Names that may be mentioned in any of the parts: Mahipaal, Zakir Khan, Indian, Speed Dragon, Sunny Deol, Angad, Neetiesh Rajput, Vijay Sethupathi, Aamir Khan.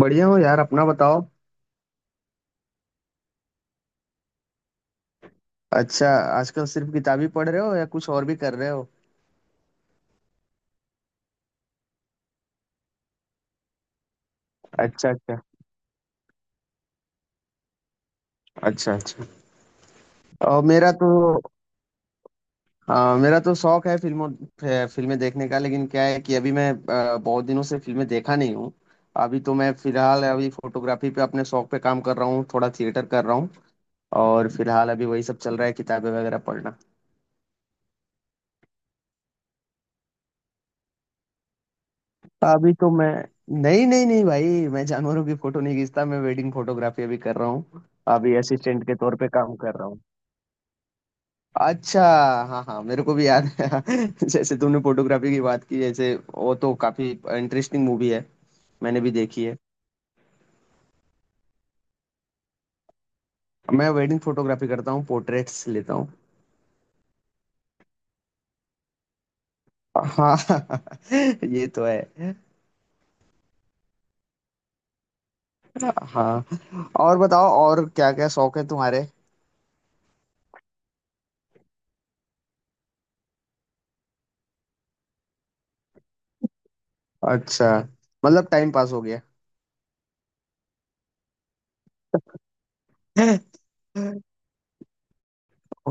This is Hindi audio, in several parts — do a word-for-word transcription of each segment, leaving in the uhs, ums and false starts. बढ़िया हो यार, अपना बताओ। अच्छा, आजकल सिर्फ किताबी पढ़ रहे हो या कुछ और भी कर रहे हो? अच्छा अच्छा। अच्छा अच्छा। और मेरा तो। हाँ, मेरा तो शौक है फिल्मों फि- फिल्में देखने का, लेकिन क्या है कि अभी मैं अ, बहुत दिनों से फिल्में देखा नहीं हूँ। अभी तो मैं फिलहाल अभी फोटोग्राफी पे, अपने शौक पे काम कर रहा हूँ, थोड़ा थिएटर कर रहा हूँ। और फिलहाल अभी वही सब चल रहा है, किताबें वगैरह पढ़ना। अभी तो मैं, नहीं नहीं नहीं भाई, मैं जानवरों की फोटो नहीं खींचता, मैं वेडिंग फोटोग्राफी अभी कर रहा हूँ। अभी असिस्टेंट के तौर पे काम कर रहा हूँ। अच्छा। हाँ हाँ मेरे को भी याद है जैसे तुमने फोटोग्राफी की बात की, जैसे वो तो काफी इंटरेस्टिंग मूवी है, मैंने भी देखी है। मैं वेडिंग फोटोग्राफी करता हूँ, पोर्ट्रेट्स लेता हूँ। हाँ ये तो है। हाँ, और बताओ, और क्या क्या शौक है तुम्हारे? अच्छा। मतलब टाइम पास हो गया।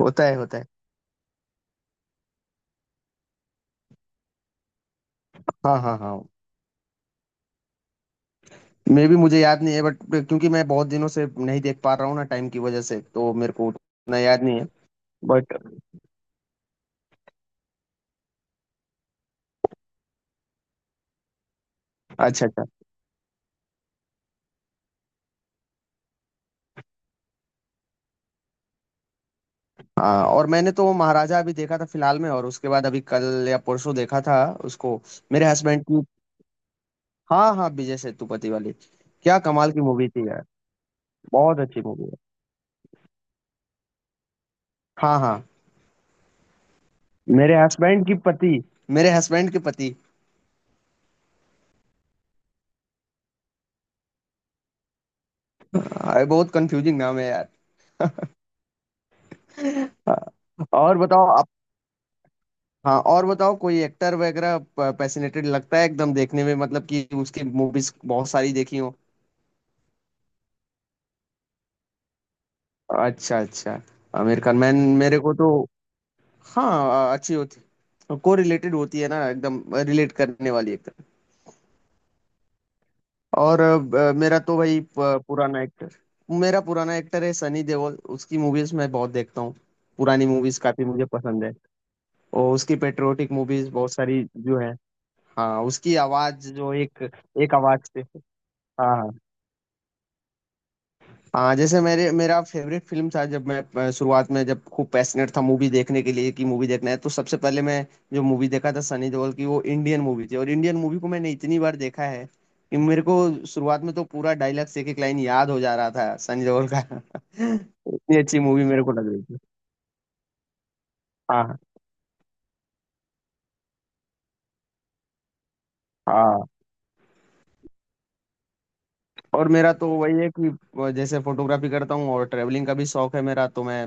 होता है होता है। हाँ हाँ हाँ। मैं भी, मुझे याद नहीं है बट, क्योंकि मैं बहुत दिनों से नहीं देख पा रहा हूँ ना, टाइम की वजह से, तो मेरे को उतना याद नहीं है। बट अच्छा अच्छा। हाँ, और मैंने तो महाराजा अभी देखा था फिलहाल में, और उसके बाद अभी कल या परसों देखा था उसको, मेरे हस्बैंड की। हाँ हाँ, विजय सेतुपति वाली, क्या कमाल की मूवी थी यार। बहुत अच्छी मूवी है। हाँ हाँ। मेरे हस्बैंड की पति, मेरे हस्बैंड के पति। अरे बहुत कंफ्यूजिंग नाम है यार। हाँ, और बताओ आप। हाँ और बताओ, कोई एक्टर वगैरह पैसिनेटेड लगता है एकदम देखने में, मतलब कि उसकी मूवीज बहुत सारी देखी हो। अच्छा अच्छा। आमिर खान मैन। मेरे को तो। हाँ, अच्छी होती, को रिलेटेड होती है ना, एकदम रिलेट करने वाली, एकदम। और अ, मेरा तो भाई प- पुराना एक्टर, मेरा पुराना एक्टर है सनी देओल, उसकी मूवीज मैं बहुत देखता हूँ। पुरानी मूवीज काफी मुझे पसंद है। और उसकी पेट्रियोटिक मूवीज बहुत सारी जो है। हाँ, उसकी आवाज जो एक, एक आवाज से। हाँ हाँ हाँ। जैसे मेरे मेरा फेवरेट फिल्म था, जब मैं अ, शुरुआत में, जब खूब पैशनेट था मूवी देखने के लिए कि मूवी देखना है, तो सबसे पहले मैं जो मूवी देखा था सनी देओल की, वो इंडियन मूवी थी, और इंडियन मूवी को मैंने इतनी बार देखा है कि मेरे को शुरुआत में तो पूरा डायलॉग्स एक एक लाइन याद हो जा रहा था सनी देओल का इतनी अच्छी मूवी मेरे को लग रही थी। हाँ हाँ। और मेरा तो वही है कि अ, जैसे फोटोग्राफी करता हूँ और ट्रैवलिंग का भी शौक है मेरा, तो मैं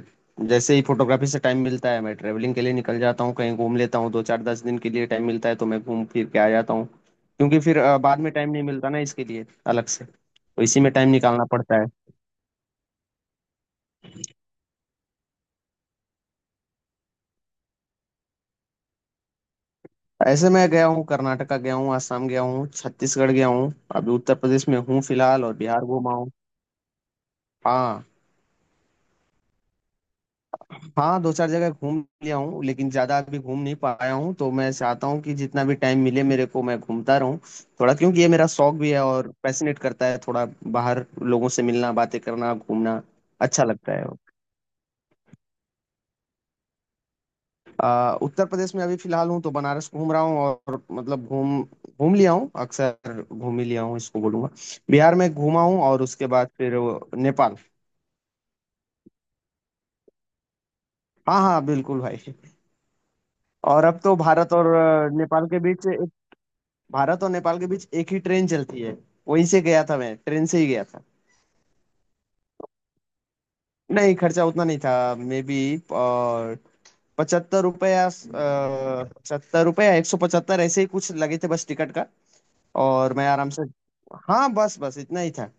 अ, जैसे ही फोटोग्राफी से टाइम मिलता है, मैं ट्रैवलिंग के लिए निकल जाता हूँ, कहीं घूम लेता हूँ। दो चार दस दिन के लिए टाइम मिलता है तो मैं घूम फिर के आ जाता हूँ। क्योंकि फिर अ, बाद में टाइम नहीं मिलता ना इसके लिए अलग से, तो इसी में टाइम निकालना पड़ता है। ऐसे मैं गया हूँ, कर्नाटका गया हूँ, आसाम गया हूँ, छत्तीसगढ़ गया हूँ, अभी उत्तर प्रदेश में हूँ फिलहाल, और बिहार घूमा हूँ। हाँ। हाँ, दो चार जगह घूम लिया हूँ, लेकिन ज्यादा अभी घूम नहीं पाया हूँ, तो मैं चाहता हूँ कि जितना भी टाइम मिले मेरे को, मैं घूमता रहूँ थोड़ा, क्योंकि ये मेरा शौक भी है और पैशनेट करता है थोड़ा। बाहर लोगों से मिलना, बातें करना, घूमना अच्छा लगता है। आ, उत्तर प्रदेश में अभी फिलहाल हूँ, तो बनारस घूम रहा हूँ, और मतलब घूम घूम लिया हूँ, अक्सर घूम ही लिया हूँ इसको बोलूंगा। बिहार में घूमा हूँ, और उसके बाद फिर वो नेपाल। हाँ हाँ बिल्कुल भाई। और अब तो भारत और अ, नेपाल के बीच एक, भारत और नेपाल के बीच एक ही ट्रेन चलती है, वहीं से गया था मैं, ट्रेन से ही गया था। नहीं, खर्चा उतना नहीं था। मे बी पचहत्तर रुपया, पचहत्तर रुपया, एक सौ पचहत्तर ऐसे ही कुछ लगे थे बस टिकट का। और मैं आराम से। हाँ, बस बस इतना ही था।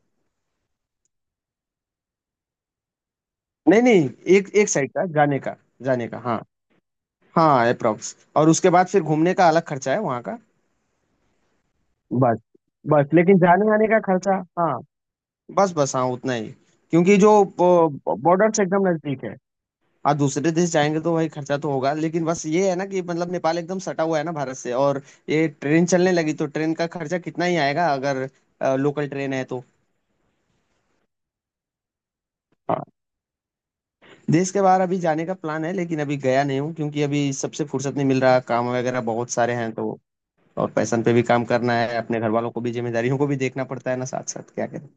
नहीं नहीं, एक एक साइड का जाने का, जाने का हाँ। हाँ अप्रोक्स, और उसके बाद फिर घूमने का अलग खर्चा है वहाँ का। बस, बस लेकिन जाने आने का खर्चा हाँ। बस बस हाँ उतना ही। क्योंकि जो बॉर्डर से एकदम नजदीक है। हाँ दूसरे देश जाएंगे तो भाई खर्चा तो होगा, लेकिन बस ये है ना कि मतलब नेपाल एकदम सटा हुआ है ना भारत से, और ये ट्रेन चलने लगी, तो ट्रेन का खर्चा कितना ही आएगा, अगर लोकल ट्रेन है तो। हाँ, देश के बाहर अभी जाने का प्लान है, लेकिन अभी गया नहीं हूँ, क्योंकि अभी सबसे फुर्सत नहीं मिल रहा, काम वगैरह बहुत सारे हैं तो। और पैशन पे भी काम करना है, अपने घर वालों को भी, जिम्मेदारियों को भी देखना पड़ता है ना साथ साथ, क्या करें।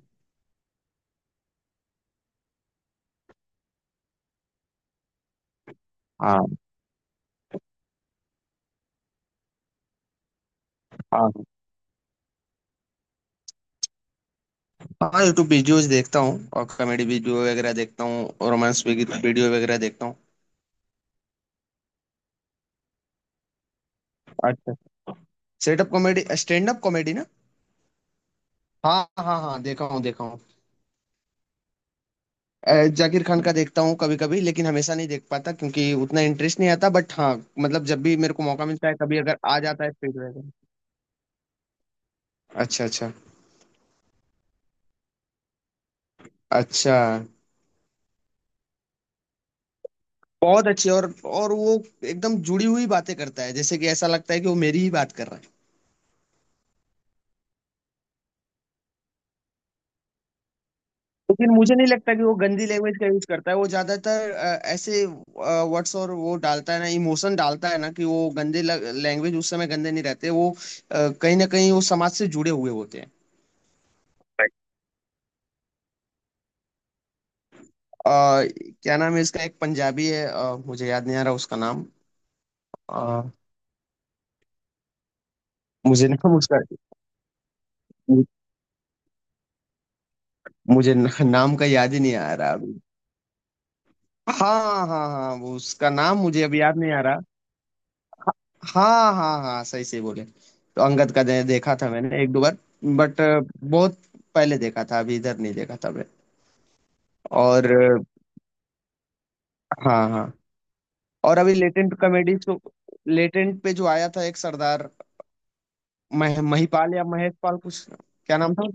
हाँ। हाँ हाँ, यूट्यूब वीडियोज देखता हूँ, और कॉमेडी वीडियो वगैरह देखता हूँ, रोमांस वीडियो वगैरह देखता हूँ। अच्छा। Setup comedy, stand up comedy. हाँ हाँ हाँ देखा हूँ देखा हूँ। अ, जाकिर खान का देखता हूँ कभी कभी, लेकिन हमेशा नहीं देख पाता क्योंकि उतना इंटरेस्ट नहीं आता, बट हाँ मतलब जब भी मेरे को मौका मिलता है, कभी अगर आ जाता है स्पीड ड्रैगन। अच्छा अच्छा। अच्छा। बहुत अच्छी। और और वो एकदम जुड़ी हुई बातें करता है, जैसे कि ऐसा लगता है कि वो मेरी ही बात कर रहा है। लेकिन मुझे नहीं लगता कि वो गंदी लैंग्वेज का यूज करता है, वो ज्यादातर अ, ऐसे वर्ड्स और वो डालता है ना, इमोशन डालता है ना, कि वो गंदे लैंग्वेज उस समय गंदे नहीं रहते, वो अ, कहीं ना कहीं वो समाज से जुड़े हुए होते हैं। आ, क्या नाम है इसका, एक पंजाबी है, अ, मुझे याद नहीं आ रहा उसका नाम, अ, मुझे नाम उसका, मुझे न- नाम का याद ही नहीं आ रहा अभी। हाँ हाँ हाँ, वो उसका नाम मुझे अभी याद नहीं आ रहा। हाँ हाँ हाँ, सही सही बोले तो अंगद का दे, देखा था मैंने एक दो बार। बट बहुत पहले देखा था, अभी इधर नहीं देखा था मैं। और अ, हाँ हाँ। और अभी लेटेंट कॉमेडी तो, लेटेंट पे जो आया था एक सरदार, मह, महिपाल या महेश पाल कुछ, क्या नाम था।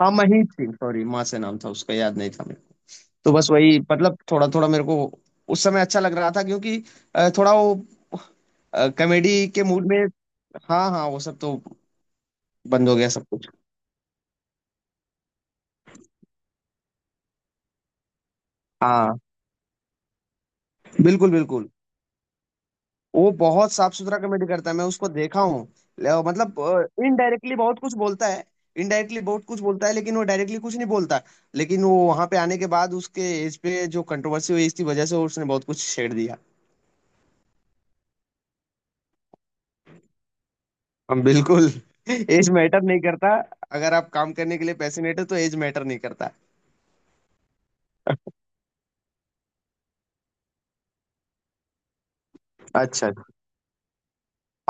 हाँ मही थी, सॉरी माँ से नाम था उसका, याद नहीं था मेरे को। तो बस वही, मतलब थोड़ा थोड़ा मेरे को उस समय अच्छा लग रहा था, क्योंकि अ, थोड़ा वो कॉमेडी के मूड में। हाँ हाँ, वो सब तो बंद हो गया सब कुछ। हाँ बिल्कुल बिल्कुल, वो बहुत साफ सुथरा कॉमेडी करता है, मैं उसको देखा हूँ। ले- मतलब इनडायरेक्टली बहुत कुछ बोलता है, इनडायरेक्टली बहुत कुछ बोलता है, लेकिन वो डायरेक्टली कुछ नहीं बोलता। लेकिन वो वहां पे आने के बाद उसके एज पे जो कंट्रोवर्सी हुई, इसकी वजह से उसने बहुत कुछ छेड़ दिया। हम बिल्कुल। एज मैटर नहीं करता, अगर आप काम करने के लिए पैशनेट हो तो एज मैटर नहीं करता। अच्छा।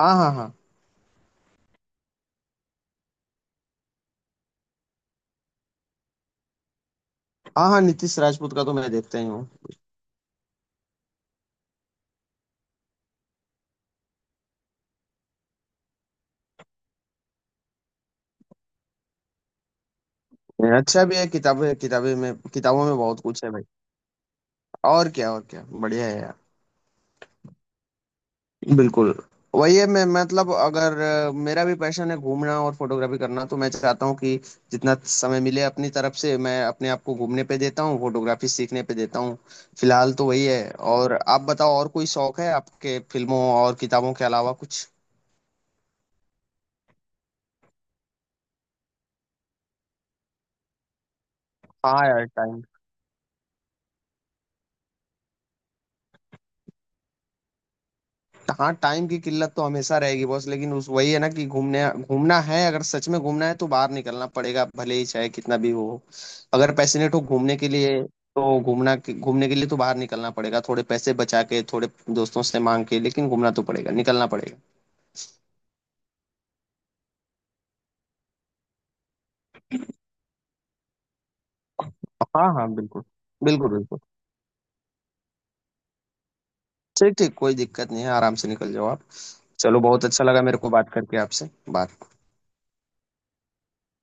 हाँ हाँ हाँ। हाँ हाँ, नीतीश राजपूत का तो मैं देखता ही हूँ। अच्छा भी है किताबें, किताबें में किताबों में बहुत कुछ है भाई। और क्या, और क्या बढ़िया है यार। बिल्कुल। वही है, मैं मतलब अगर अ, मेरा भी पैशन है घूमना और फोटोग्राफी करना, तो मैं चाहता हूँ कि जितना समय मिले अपनी तरफ से, मैं अपने आप को घूमने पे देता हूँ, फोटोग्राफी सीखने पे देता हूँ। फिलहाल तो वही है। और आप बताओ, और कोई शौक है आपके फिल्मों और किताबों के अलावा कुछ? हाँ यार, टाइम। हाँ टाइम की किल्लत तो हमेशा रहेगी बॉस, लेकिन उस वही है ना कि घूमने घूमना है, अगर सच में घूमना है तो बाहर निकलना पड़ेगा भले ही चाहे कितना भी हो, अगर पैशनेट हो घूमने के लिए। तो घूमना घूमने के लिए तो बाहर निकलना पड़ेगा, थोड़े पैसे बचा के, थोड़े दोस्तों से मांग के, लेकिन घूमना तो पड़ेगा, निकलना पड़ेगा। हाँ हाँ बिल्कुल। बिल्कुल बिल्कुल। ठीक ठीक, कोई दिक्कत नहीं है, आराम से निकल जाओ आप। चलो, बहुत अच्छा लगा मेरे को बात करके आपसे। बाय।